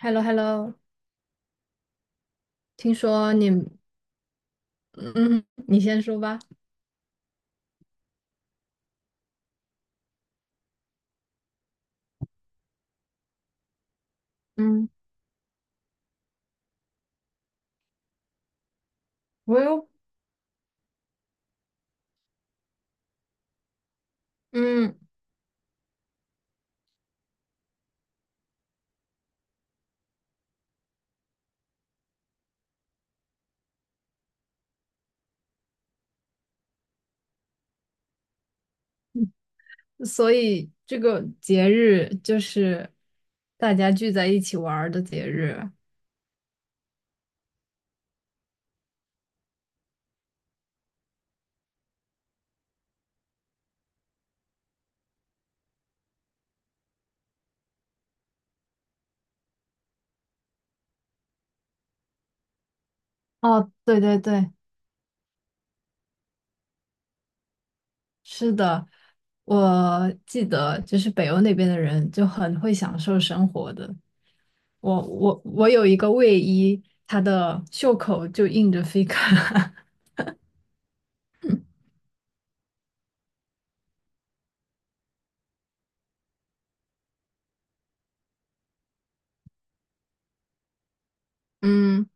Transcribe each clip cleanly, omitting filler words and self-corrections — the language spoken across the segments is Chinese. h e l l o h e l l o 听说你，嗯，你先说吧。嗯，我有，嗯，所以这个节日就是大家聚在一起玩儿的节日。哦，对对对，是的，我记得就是北欧那边的人就很会享受生活的。我有一个卫衣，它的袖口就印着 fika，嗯，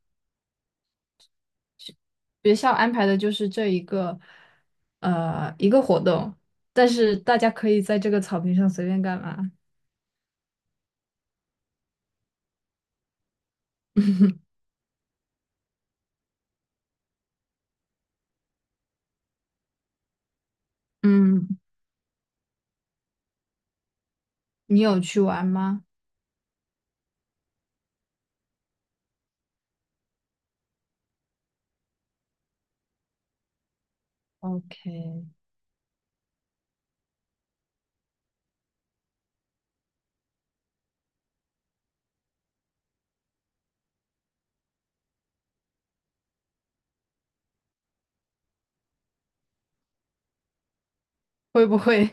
学校安排的就是这一个，一个活动，但是大家可以在这个草坪上随便干嘛。嗯，你有去玩吗？OK，会不会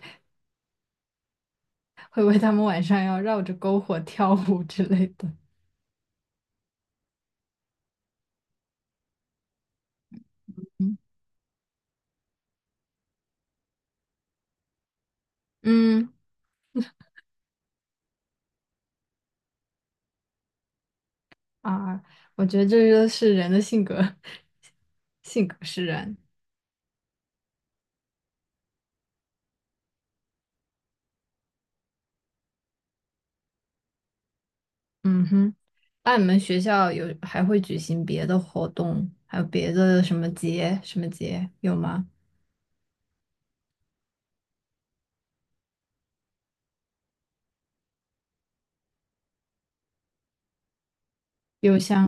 会不会他们晚上要绕着篝火跳舞之类的？嗯，嗯。啊，我觉得这就是人的性格，性格使然。嗯哼，那你们学校有还会举行别的活动，还有别的什么节什么节有吗？有像。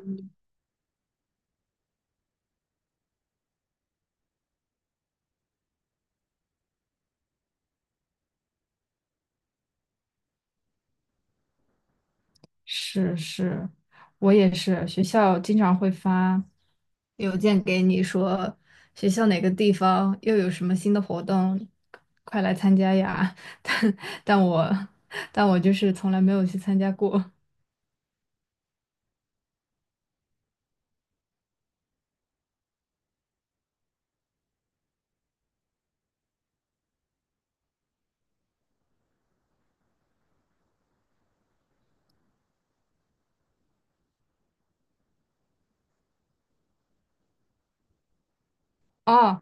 是是，我也是，学校经常会发邮件给你说学校哪个地方又有什么新的活动，快来参加呀！但但我但我就是从来没有去参加过。哦，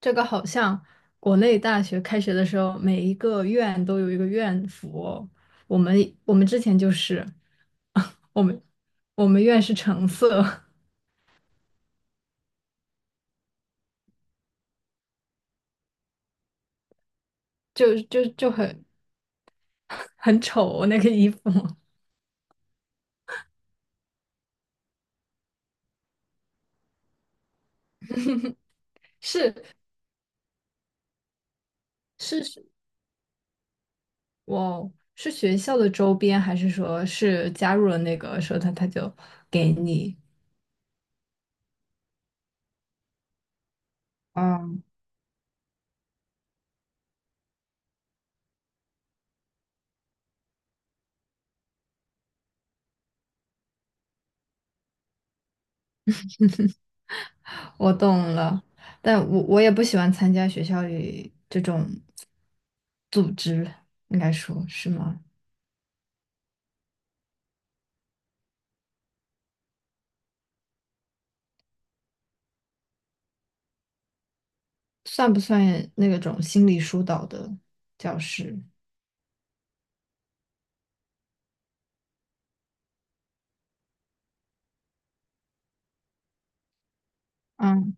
这个好像国内大学开学的时候，每一个院都有一个院服哦，我们我们之前就是，我们我们院是橙色，就很 很丑那个衣服。是是是。哇哦，是学校的周边，还是说是加入了那个社团，他就给你？嗯。 我懂了，但我也不喜欢参加学校里这种组织，应该说是吗？算不算那种心理疏导的教师？嗯，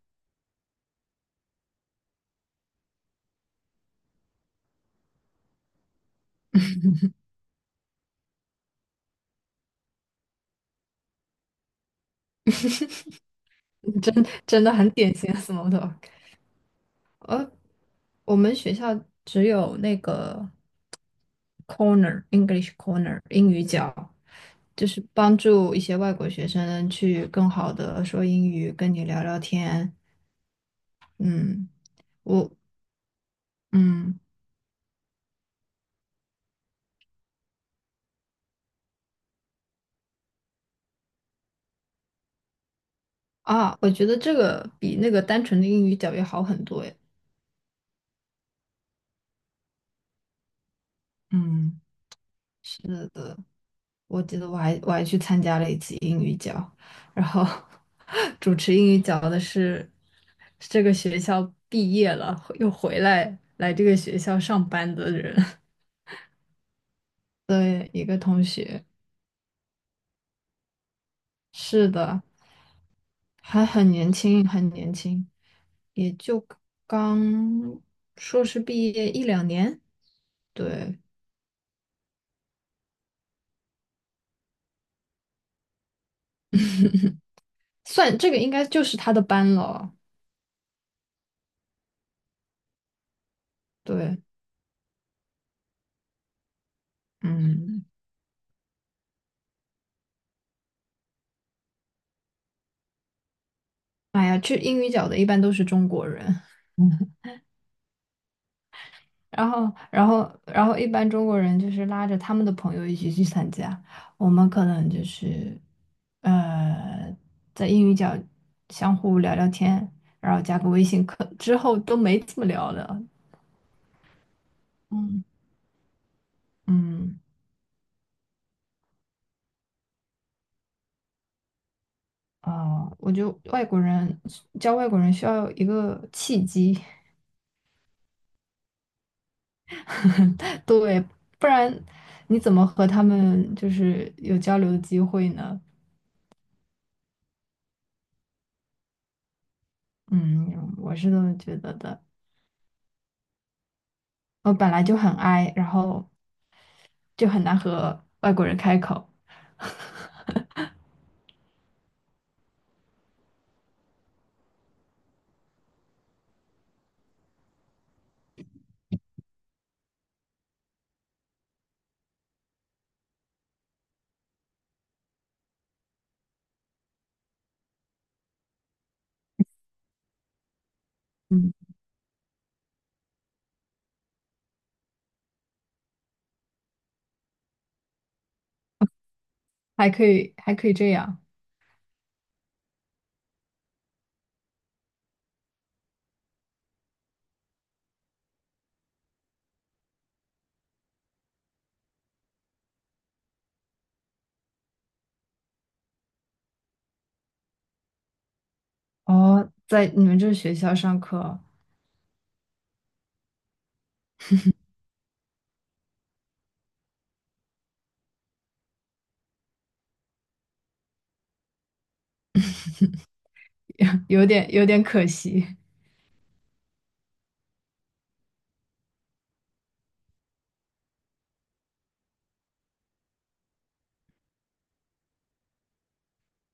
真，真的很典型的 s m o。 呃，我们学校只有那个 corner English corner 英语角，就是帮助一些外国学生去更好的说英语，跟你聊聊天。嗯，我，嗯，啊，我觉得这个比那个单纯的英语角要好很多诶。嗯，是的。我记得我还去参加了一次英语角，然后 主持英语角的是这个学校毕业了又回来这个学校上班的人 的一个同学。是的，还很年轻，很年轻，也就刚硕士毕业一两年。对，算这个应该就是他的班了。对，嗯，哎呀，去英语角的一般都是中国人。嗯。然后，一般中国人就是拉着他们的朋友一起去参加，我们可能就是，呃，在英语角相互聊聊天，然后加个微信，可之后都没怎么聊了。嗯，嗯，啊，我觉得外国人教外国人需要有一个契机，对，不然你怎么和他们就是有交流的机会呢？嗯，我是这么觉得的。我本来就很 i，然后就很难和外国人开口。嗯，还可以，还可以这样。哦，在你们这学校上课 有点可惜。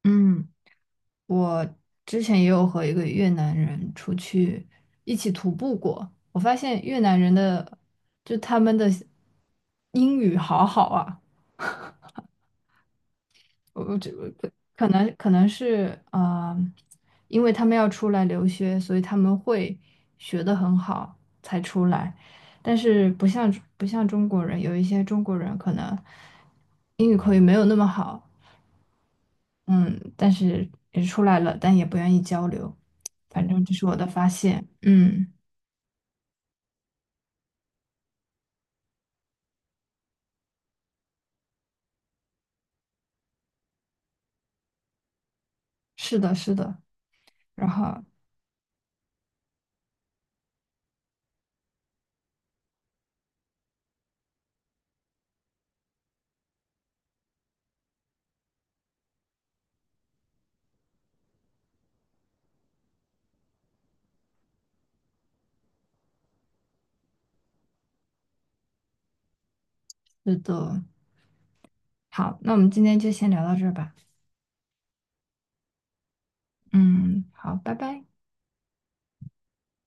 嗯，我之前也有和一个越南人出去一起徒步过，我发现越南人的就他们的英语好好啊。我这可能是啊、因为他们要出来留学，所以他们会学得很好才出来。但是不像中国人，有一些中国人可能英语口语没有那么好，嗯，但是也出来了，但也不愿意交流。反正这是我的发现，嗯，是的，是的，然后是的，好，那我们今天就先聊到这儿吧，嗯，好，拜拜。